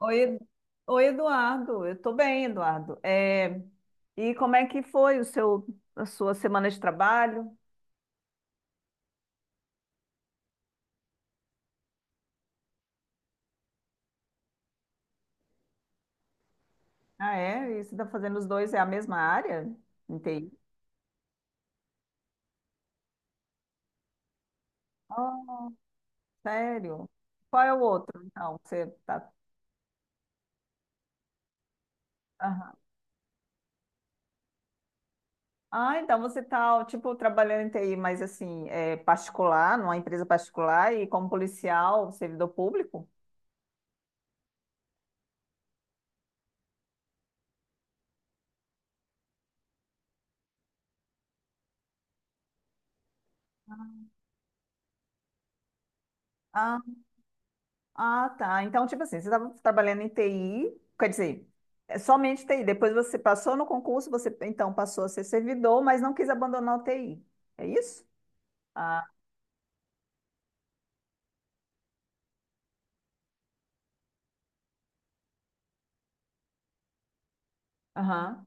Oi, Edu- Oi, Eduardo. Eu tô bem, Eduardo. E como é que foi a sua semana de trabalho? Ah, é? E você está fazendo os dois, é a mesma área? Entendi. Oh, sério? Qual é o outro, então? Que você tá. Aham. Ah, então você está, tipo, trabalhando em TI, mas assim, é particular, numa empresa particular e como policial, servidor público? Ah, tá. Então, tipo assim, você estava trabalhando em TI, quer dizer, é somente TI. Depois você passou no concurso, você então passou a ser servidor, mas não quis abandonar o TI. É isso? Ah, aham.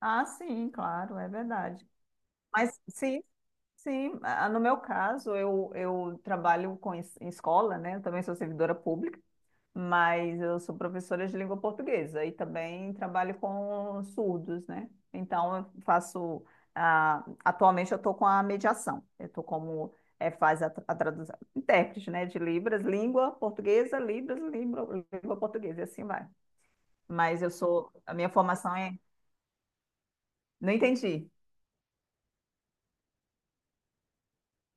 Ah, sim, claro, é verdade. Mas sim, sim. No meu caso, eu trabalho em escola, né? Eu também sou servidora pública. Mas eu sou professora de língua portuguesa e também trabalho com surdos, né? Então, eu faço. Atualmente, eu estou com a mediação. Eu estou como. É, faz a tradução, intérprete, né, de Libras, língua portuguesa, Libras, língua portuguesa, e assim vai. Mas eu sou, a minha formação é, não entendi.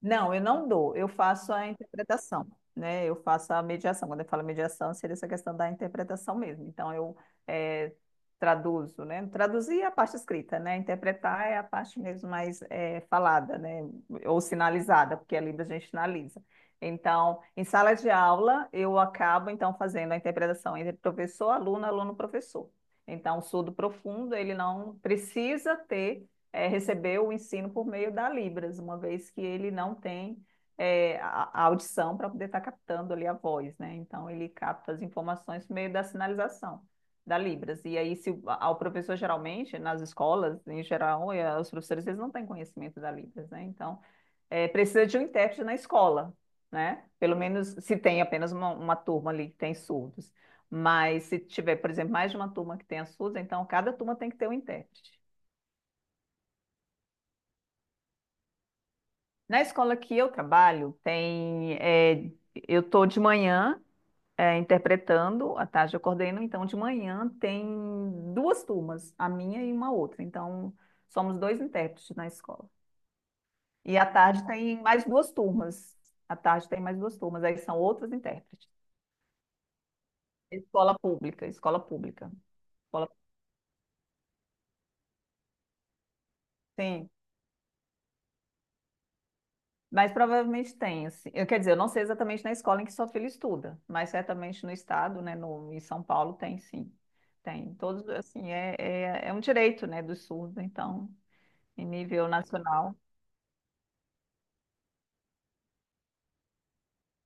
Não, eu não dou, eu faço a interpretação, né? Eu faço a mediação. Quando eu falo mediação, seria essa questão da interpretação mesmo. Então, eu eh, traduzo, né? Traduzir é a parte escrita, né? Interpretar é a parte mesmo mais falada, né? Ou sinalizada, porque a língua a gente sinaliza. Então, em sala de aula, eu acabo, então, fazendo a interpretação entre professor, aluno, aluno, professor. Então, o surdo profundo, ele não precisa ter recebeu o ensino por meio da Libras, uma vez que ele não tem a audição para poder estar tá captando ali a voz, né? Então ele capta as informações por meio da sinalização da Libras. E aí, se o- ao professor geralmente, nas escolas, em geral, os professores eles não têm conhecimento da Libras, né? Então, precisa de um intérprete na escola, né? Pelo menos se tem apenas uma turma ali que tem surdos. Mas se tiver, por exemplo, mais de uma turma que tenha surdos, então cada turma tem que ter um intérprete. Na escola que eu trabalho, tem, é, eu estou de manhã, é, interpretando, à tarde eu coordeno, então de manhã tem duas turmas, a minha e uma outra. Então, somos dois intérpretes na escola. E à tarde tem mais duas turmas. À tarde tem mais duas turmas, aí são outros intérpretes. Escola pública, escola pública. Escola. Sim. Mas provavelmente tem, assim. Eu quer dizer, eu não sei exatamente na escola em que sua filha estuda, mas certamente no estado, né, no, em São Paulo tem sim. Tem. Todos, assim, é um direito, né, dos surdos, então, em nível nacional.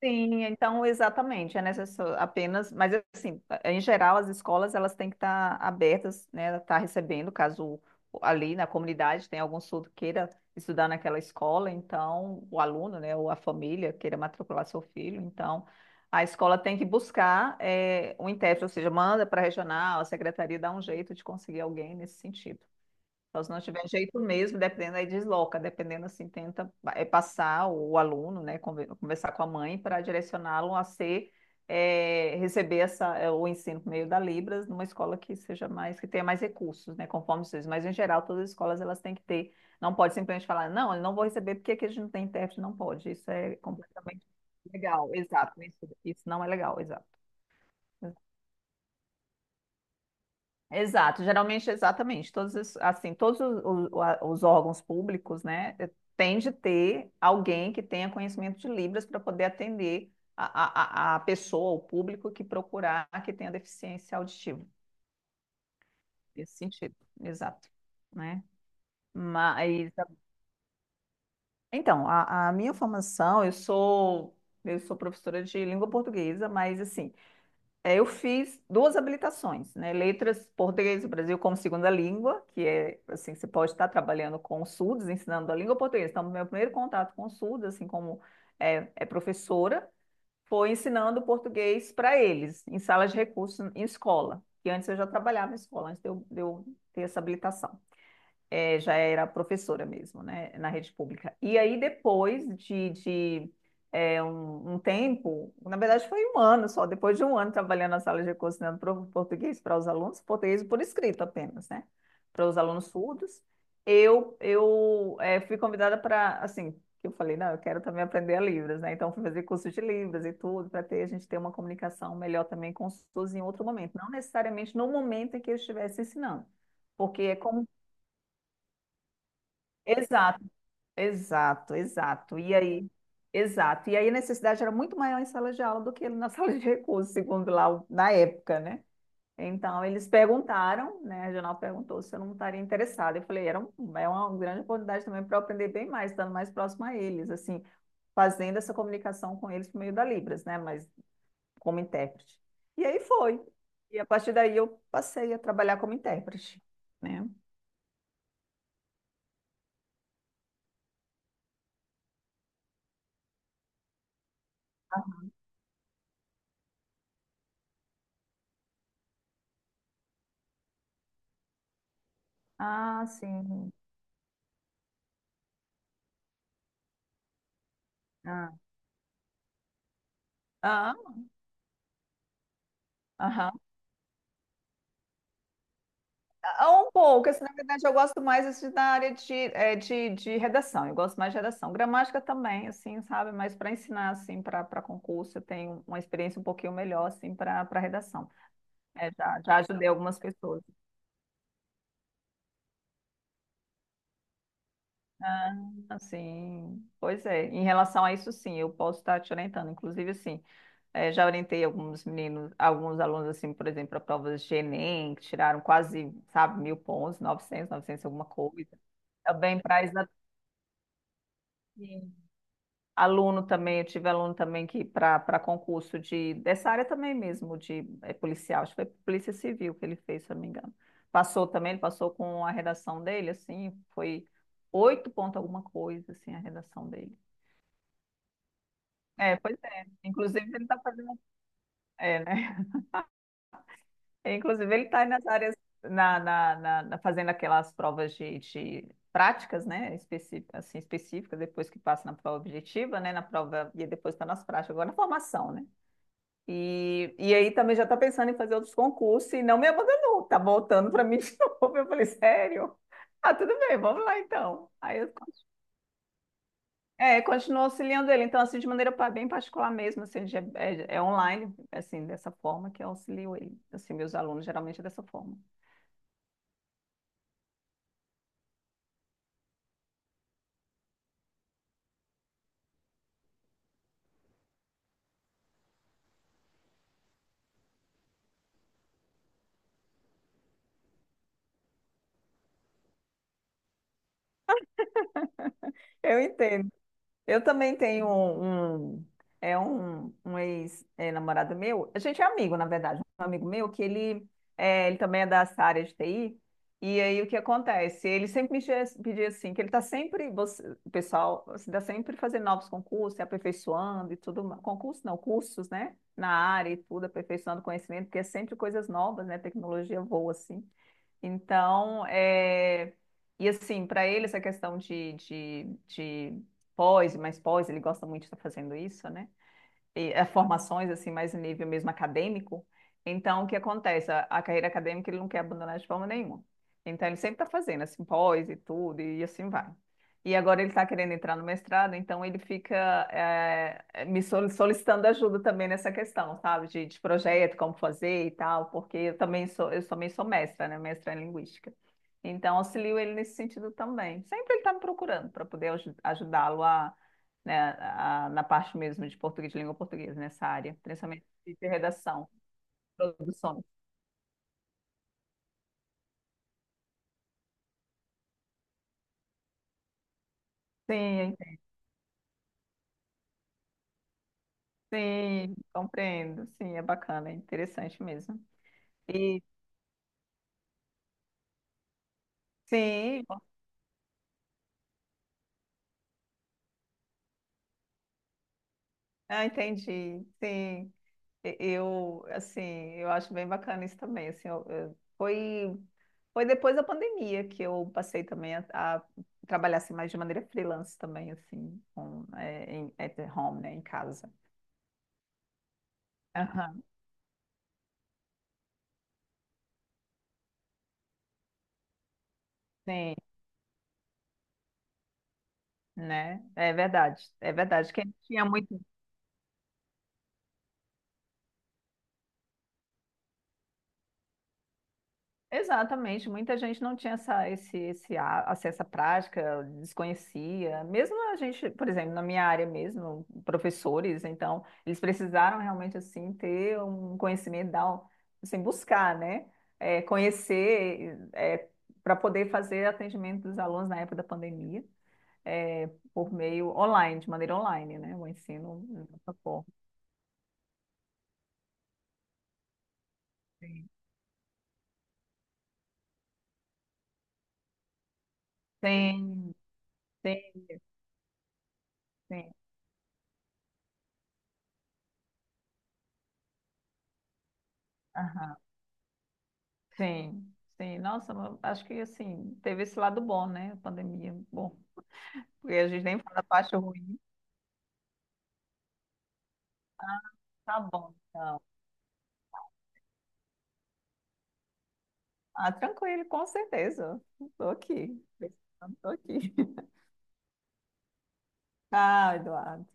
Sim, então exatamente, é necessário apenas, mas assim, em geral as escolas elas têm que estar abertas, né, estar recebendo, caso ali na comunidade tenha algum surdo queira estudar naquela escola, então o aluno, né, ou a família queira matricular seu filho, então a escola tem que buscar um intérprete, ou seja, manda para a regional, a secretaria dá um jeito de conseguir alguém nesse sentido. Então, se não tiver jeito mesmo, dependendo, aí desloca, dependendo assim, tenta passar o aluno, né, conversar com a mãe para direcioná-lo a ser, receber essa, o ensino por meio da Libras numa escola que seja mais, que tenha mais recursos, né, conforme vocês. Mas, em geral, todas as escolas, elas têm que ter, não pode simplesmente falar, não, eu não vou receber porque aqui a gente não tem intérprete, não pode. Isso é completamente legal, exato, isso não é legal, exato. Exato, geralmente, exatamente, todos, assim, todos os, os órgãos públicos, né, tem de ter alguém que tenha conhecimento de Libras para poder atender a pessoa, o público que procurar que tenha deficiência auditiva, nesse sentido, exato, né, mas, então, a minha formação, eu sou professora de língua portuguesa, mas, assim, é, eu fiz duas habilitações, né? Letras, português do Brasil como segunda língua, que é, assim, você pode estar trabalhando com o SUDES, ensinando a língua portuguesa. Então, meu primeiro contato com o SUDES, assim como é professora, foi ensinando português para eles, em salas de recursos, em escola. Que antes eu já trabalhava em escola, antes de eu ter essa habilitação já era professora mesmo, né, na rede pública. E aí, depois de um tempo, na verdade foi um ano só, depois de um ano trabalhando na sala de recursos ensinando português para os alunos, português por escrito apenas, né, para os alunos surdos, eu fui convidada para, assim, que eu falei, não, eu quero também aprender a Libras, né, então fui fazer curso de Libras e tudo, para ter, a gente ter uma comunicação melhor também com os surdos em outro momento, não necessariamente no momento em que eu estivesse ensinando, porque é como. Exato. Exato, exato. E aí, exato. E aí a necessidade era muito maior em sala de aula do que na sala de recursos, segundo lá na época, né? Então eles perguntaram, né? A regional perguntou se eu não estaria interessada. Eu falei, é uma grande oportunidade também para eu aprender bem mais, estando mais próximo a eles, assim, fazendo essa comunicação com eles por meio da Libras, né? Mas como intérprete. E aí foi. E a partir daí eu passei a trabalhar como intérprete, né? Ah, sim. Ah, ah, aham. Ah, um pouco, assim, na verdade eu gosto mais assim, da área de redação, eu gosto mais de redação. Gramática também, assim, sabe? Mas para ensinar, assim, para concurso, eu tenho uma experiência um pouquinho melhor, assim, para redação. É, já ajudei algumas pessoas. Ah, assim, pois é. Em relação a isso, sim, eu posso estar te orientando. Inclusive, assim, já orientei alguns meninos, alguns alunos, assim, por exemplo, para provas de Enem, que tiraram quase, sabe, mil pontos, 900, 900 alguma coisa. Também para, aluno também, eu tive aluno também que para concurso de dessa área também mesmo, de policial, acho que foi Polícia Civil que ele fez, se eu não me engano. Passou também, ele passou com a redação dele, assim, foi oito ponto alguma coisa, assim, a redação dele. É, pois é. Inclusive ele está fazendo, né? Inclusive ele está nas áreas, fazendo aquelas provas de práticas, né? Específicas, assim, específicas, depois que passa na prova objetiva, né? Na prova, e depois está nas práticas, agora na formação, né? E aí também já está pensando em fazer outros concursos e não me abandonou, tá voltando para mim de novo. Eu falei, sério? Ah, tudo bem, vamos lá então. Aí eu continuo auxiliando ele, então assim, de maneira bem particular mesmo, assim, é online, assim, dessa forma que eu auxilio ele. Assim, meus alunos geralmente é dessa forma. Eu entendo. Eu também tenho um ex-namorado meu, a gente é amigo, na verdade, um amigo meu que ele também é dessa área de TI, e aí o que acontece? Ele sempre me pedia assim, que ele está sempre, o pessoal está sempre fazendo novos concursos, se aperfeiçoando e tudo, concursos não, cursos, né, na área e tudo, aperfeiçoando conhecimento, porque é sempre coisas novas, né, tecnologia voa assim. Então, é. E assim, para ele essa questão de pós, e mais pós, ele gosta muito de estar fazendo isso, né? E formações assim mais em nível mesmo acadêmico. Então, o que acontece? A carreira acadêmica ele não quer abandonar de forma nenhuma. Então, ele sempre está fazendo assim pós e tudo e assim vai. E agora ele está querendo entrar no mestrado, então ele fica me solicitando ajuda também nessa questão, sabe? De projeto, como fazer e tal, porque eu também sou mestra, né? Mestra em linguística. Então, auxilio ele nesse sentido também. Sempre ele está me procurando para poder ajudá-lo a, né, na parte mesmo de português, de língua portuguesa, nessa área, principalmente de redação, produção. Sim, sim, compreendo. Sim, é bacana, é interessante mesmo. E sim, entendi. Sim, eu, assim, eu acho bem bacana isso também. Assim, foi depois da pandemia que eu passei também a trabalhar assim, mais de maneira freelance também, assim, com, em, at home, né, em casa. Aham, sim. Né? É verdade, é verdade. Quem tinha muito. Exatamente, muita gente não tinha essa, esse, a- assim, essa prática, desconhecia. Mesmo a gente, por exemplo, na minha área mesmo, professores, então, eles precisaram realmente, assim, ter um conhecimento, assim, buscar, né? É, conhecer, para poder fazer atendimento dos alunos na época da pandemia, é, por meio online, de maneira online, né? O ensino dessa forma. Sim, sim, sim. Sim. Aham. Sim, sim. Nossa, mas acho que assim, teve esse lado bom, né? A pandemia. Bom, porque a gente nem fala da parte ruim. Tá bom, então. Ah, tranquilo, com certeza. Tô aqui. Tô aqui. Ah, Eduardo.